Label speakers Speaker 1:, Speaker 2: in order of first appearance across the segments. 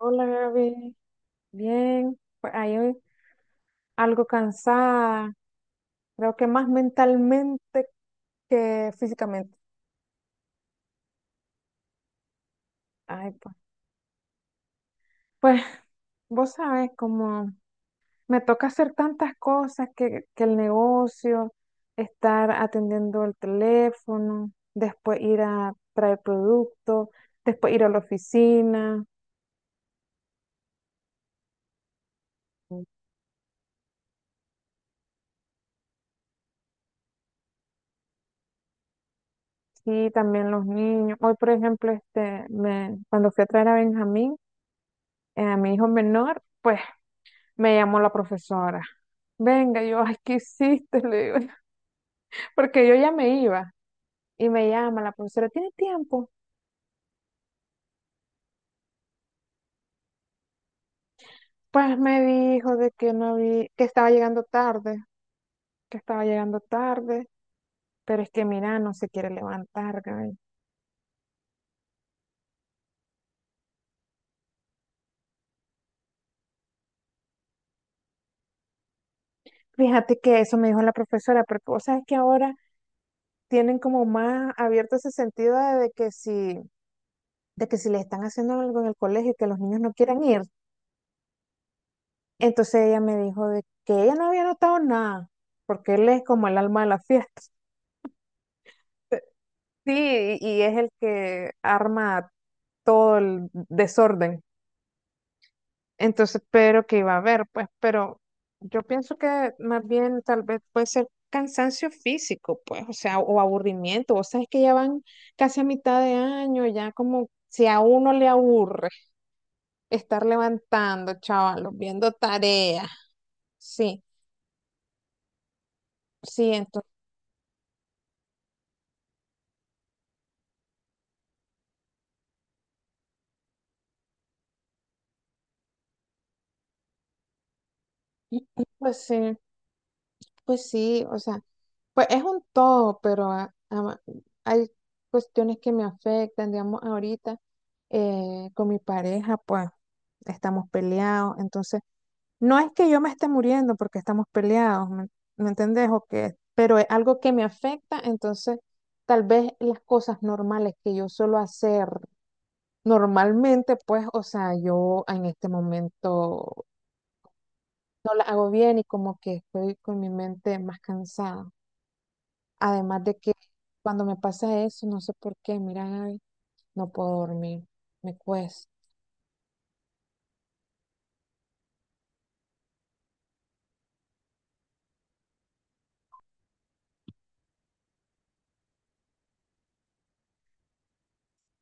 Speaker 1: Hola Gaby, bien, pues ahí hoy algo cansada, creo que más mentalmente que físicamente. Ay, pues, pues vos sabes, como me toca hacer tantas cosas que el negocio, estar atendiendo el teléfono, después ir a traer productos, después ir a la oficina, y también los niños. Hoy, por ejemplo, me, cuando fui a traer a Benjamín, a mi hijo menor, pues me llamó la profesora. Venga, yo, ay, ¿qué hiciste? Le digo, porque yo ya me iba. Y me llama la profesora, ¿tiene tiempo? Pues me dijo de que no vi, que estaba llegando tarde, que estaba llegando tarde, pero es que mira, no se quiere levantar, Gaby. Fíjate que eso me dijo la profesora, pero vos sabes que ahora tienen como más abierto ese sentido de que si le están haciendo algo en el colegio y que los niños no quieran ir. Entonces ella me dijo de que ella no había notado nada, porque él es como el alma de la fiesta. Sí, y es el que arma todo el desorden. Entonces, pero que iba a haber, pues, pero yo pienso que más bien tal vez puede ser cansancio físico, pues, o sea, o aburrimiento. Vos sabés que ya van casi a mitad de año, ya como si a uno le aburre estar levantando, chavalos, viendo tareas. Sí, sí, entonces, pues sí. Pues sí, o sea, pues es un todo, pero hay cuestiones que me afectan, digamos, ahorita con mi pareja, pues estamos peleados, entonces no es que yo me esté muriendo porque estamos peleados, ¿ me entendés? O que, pero es algo que me afecta, entonces tal vez las cosas normales que yo suelo hacer normalmente, pues, o sea, yo en este momento no las hago bien y como que estoy con mi mente más cansada. Además de que cuando me pasa eso, no sé por qué, mira, Gaby, no puedo dormir, me cuesta.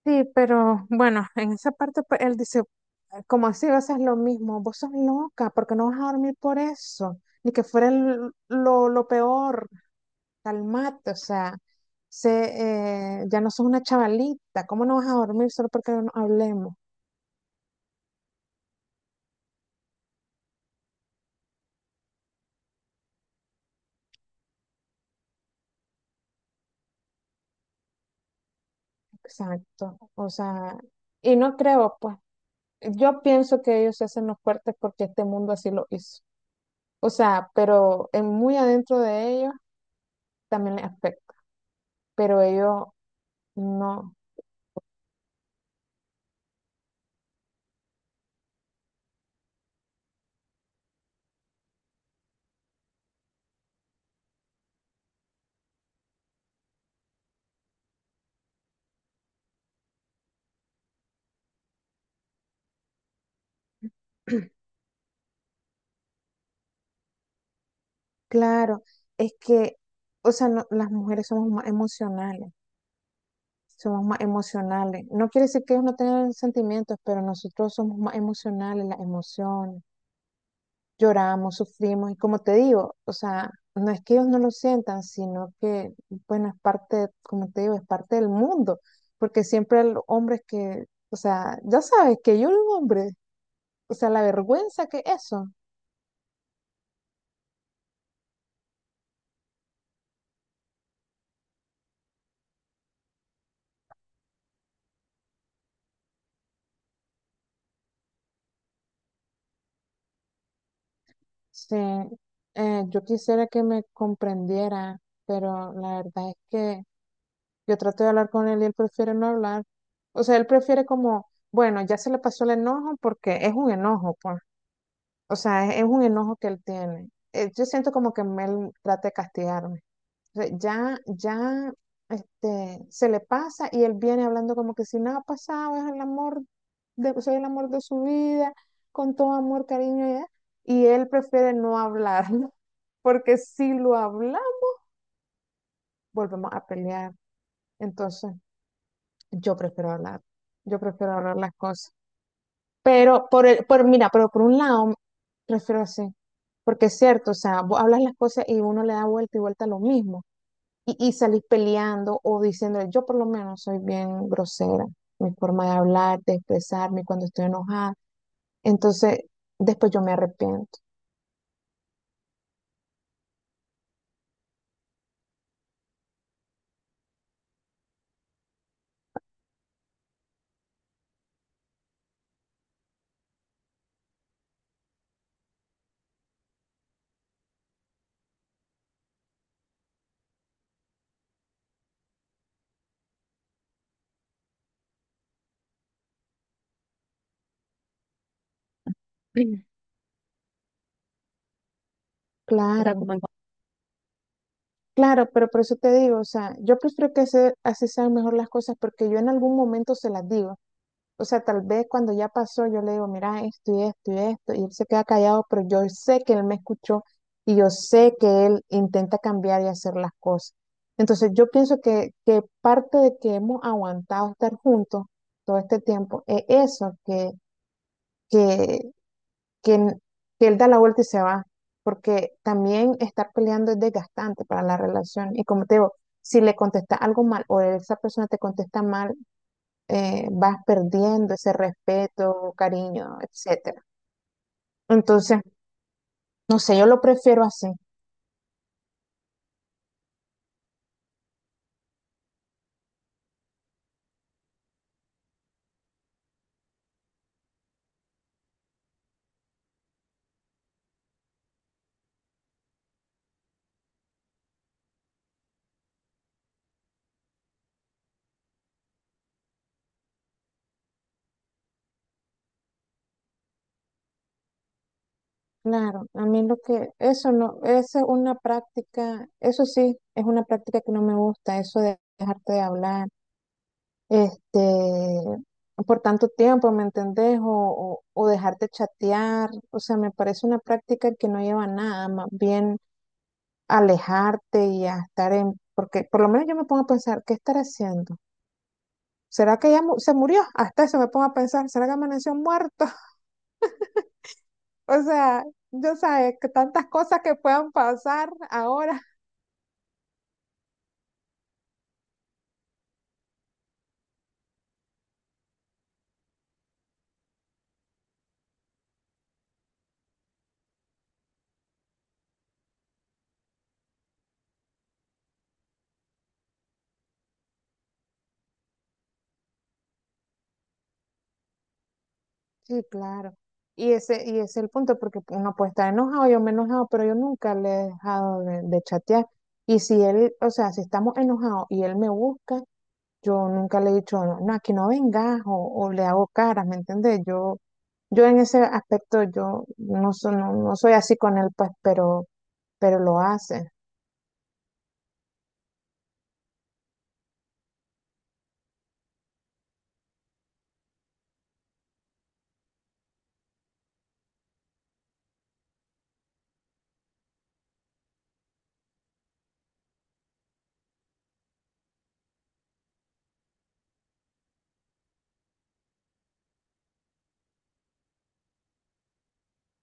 Speaker 1: Sí, pero bueno, en esa parte pues, él dice, como así vas a hacer lo mismo, vos sos loca, porque no vas a dormir por eso, ni que fuera lo peor, calmate, o sea, sé, ya no sos una chavalita, ¿cómo no vas a dormir solo porque no hablemos? Exacto, o sea, y no creo, pues, yo pienso que ellos se hacen los fuertes porque este mundo así lo hizo. O sea, pero en muy adentro de ellos también les afecta, pero ellos no. Claro, es que, o sea, las mujeres somos más emocionales, somos más emocionales. No quiere decir que ellos no tengan sentimientos, pero nosotros somos más emocionales, las emociones, lloramos, sufrimos, y como te digo, o sea, no es que ellos no lo sientan, sino que, bueno, es parte, como te digo, es parte del mundo, porque siempre el hombre es que, o sea, ya sabes que yo un hombre. O sea, la vergüenza que eso. Sí, yo quisiera que me comprendiera, pero la verdad es que yo trato de hablar con él y él prefiere no hablar. O sea, él prefiere como, bueno, ya se le pasó el enojo porque es un enojo, pues. O sea, es un enojo que él tiene. Yo siento como que él trata de castigarme. O sea, ya se le pasa y él viene hablando como que si nada ha pasado, es el amor de, soy el amor de su vida, con todo amor, cariño, y él prefiere no hablarlo, porque si lo hablamos, volvemos a pelear. Entonces, yo prefiero hablar, yo prefiero hablar las cosas. Pero por el, por, mira, pero por un lado, prefiero así, porque es cierto, o sea, vos hablas las cosas y uno le da vuelta y vuelta a lo mismo. Y, y salís peleando o diciendo, yo por lo menos soy bien grosera, mi forma de hablar, de expresarme cuando estoy enojada. Entonces, después yo me arrepiento. O sea, claro, era como claro, pero por eso te digo, o sea, yo prefiero que así sean mejor las cosas porque yo en algún momento se las digo. O sea, tal vez cuando ya pasó, yo le digo, mira, esto y esto y esto, y él se queda callado, pero yo sé que él me escuchó y yo sé que él intenta cambiar y hacer las cosas. Entonces, yo pienso que parte de que hemos aguantado estar juntos todo este tiempo es eso, que que, n- que él da la vuelta y se va, porque también estar peleando es desgastante para la relación. Y como te digo, si le contestas algo mal o esa persona te contesta mal, vas perdiendo ese respeto, cariño, etcétera. Entonces, no sé, yo lo prefiero así. Claro, a mí lo que, eso no, esa es una práctica, eso sí, es una práctica que no me gusta, eso de dejarte de hablar. este, por tanto tiempo, ¿me entendés? O dejar de chatear, o sea, me parece una práctica que no lleva a nada, más bien alejarte y a estar en, porque por lo menos yo me pongo a pensar, ¿qué estar haciendo? ¿Será que ya se murió? Hasta eso me pongo a pensar, ¿será que amaneció muerto? O sea, yo sabes que tantas cosas que puedan pasar ahora. Sí, claro. Y ese es el punto, porque uno puede estar enojado, yo me he enojado, pero yo nunca le he dejado de chatear. Y si él, o sea, si estamos enojados y él me busca, yo nunca le he dicho, no, no, aquí no vengas, o le hago caras, ¿me entiendes? Yo en ese aspecto, yo no, no, no soy así con él, pues, pero lo hace.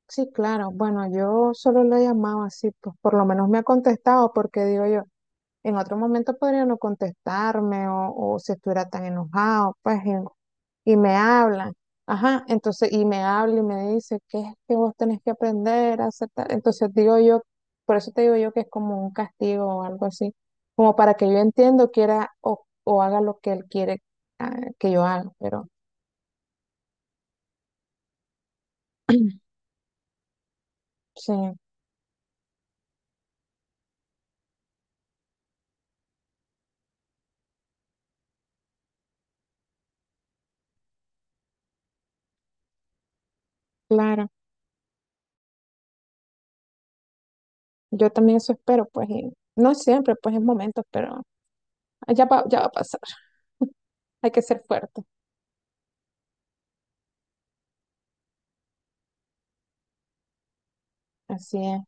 Speaker 1: Sí, claro. Bueno, yo solo lo he llamado así, pues por lo menos me ha contestado, porque digo yo. En otro momento podría no contestarme o si estuviera tan enojado, pues, y me hablan. Ajá, entonces, y me habla y me dice, ¿qué es que vos tenés que aprender a aceptar? Entonces digo yo, por eso te digo yo que es como un castigo o algo así, como para que yo entiendo, quiera o haga lo que él quiere, ah, que yo haga, pero sí, claro, yo también eso espero, pues, y no siempre, pues, en momentos, pero ya va a pasar, hay que ser fuerte, así es.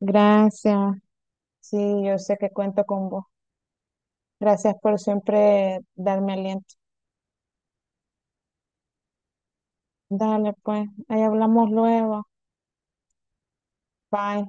Speaker 1: Gracias. Sí, yo sé que cuento con vos. Gracias por siempre darme aliento. Dale, pues, ahí hablamos luego. Bye.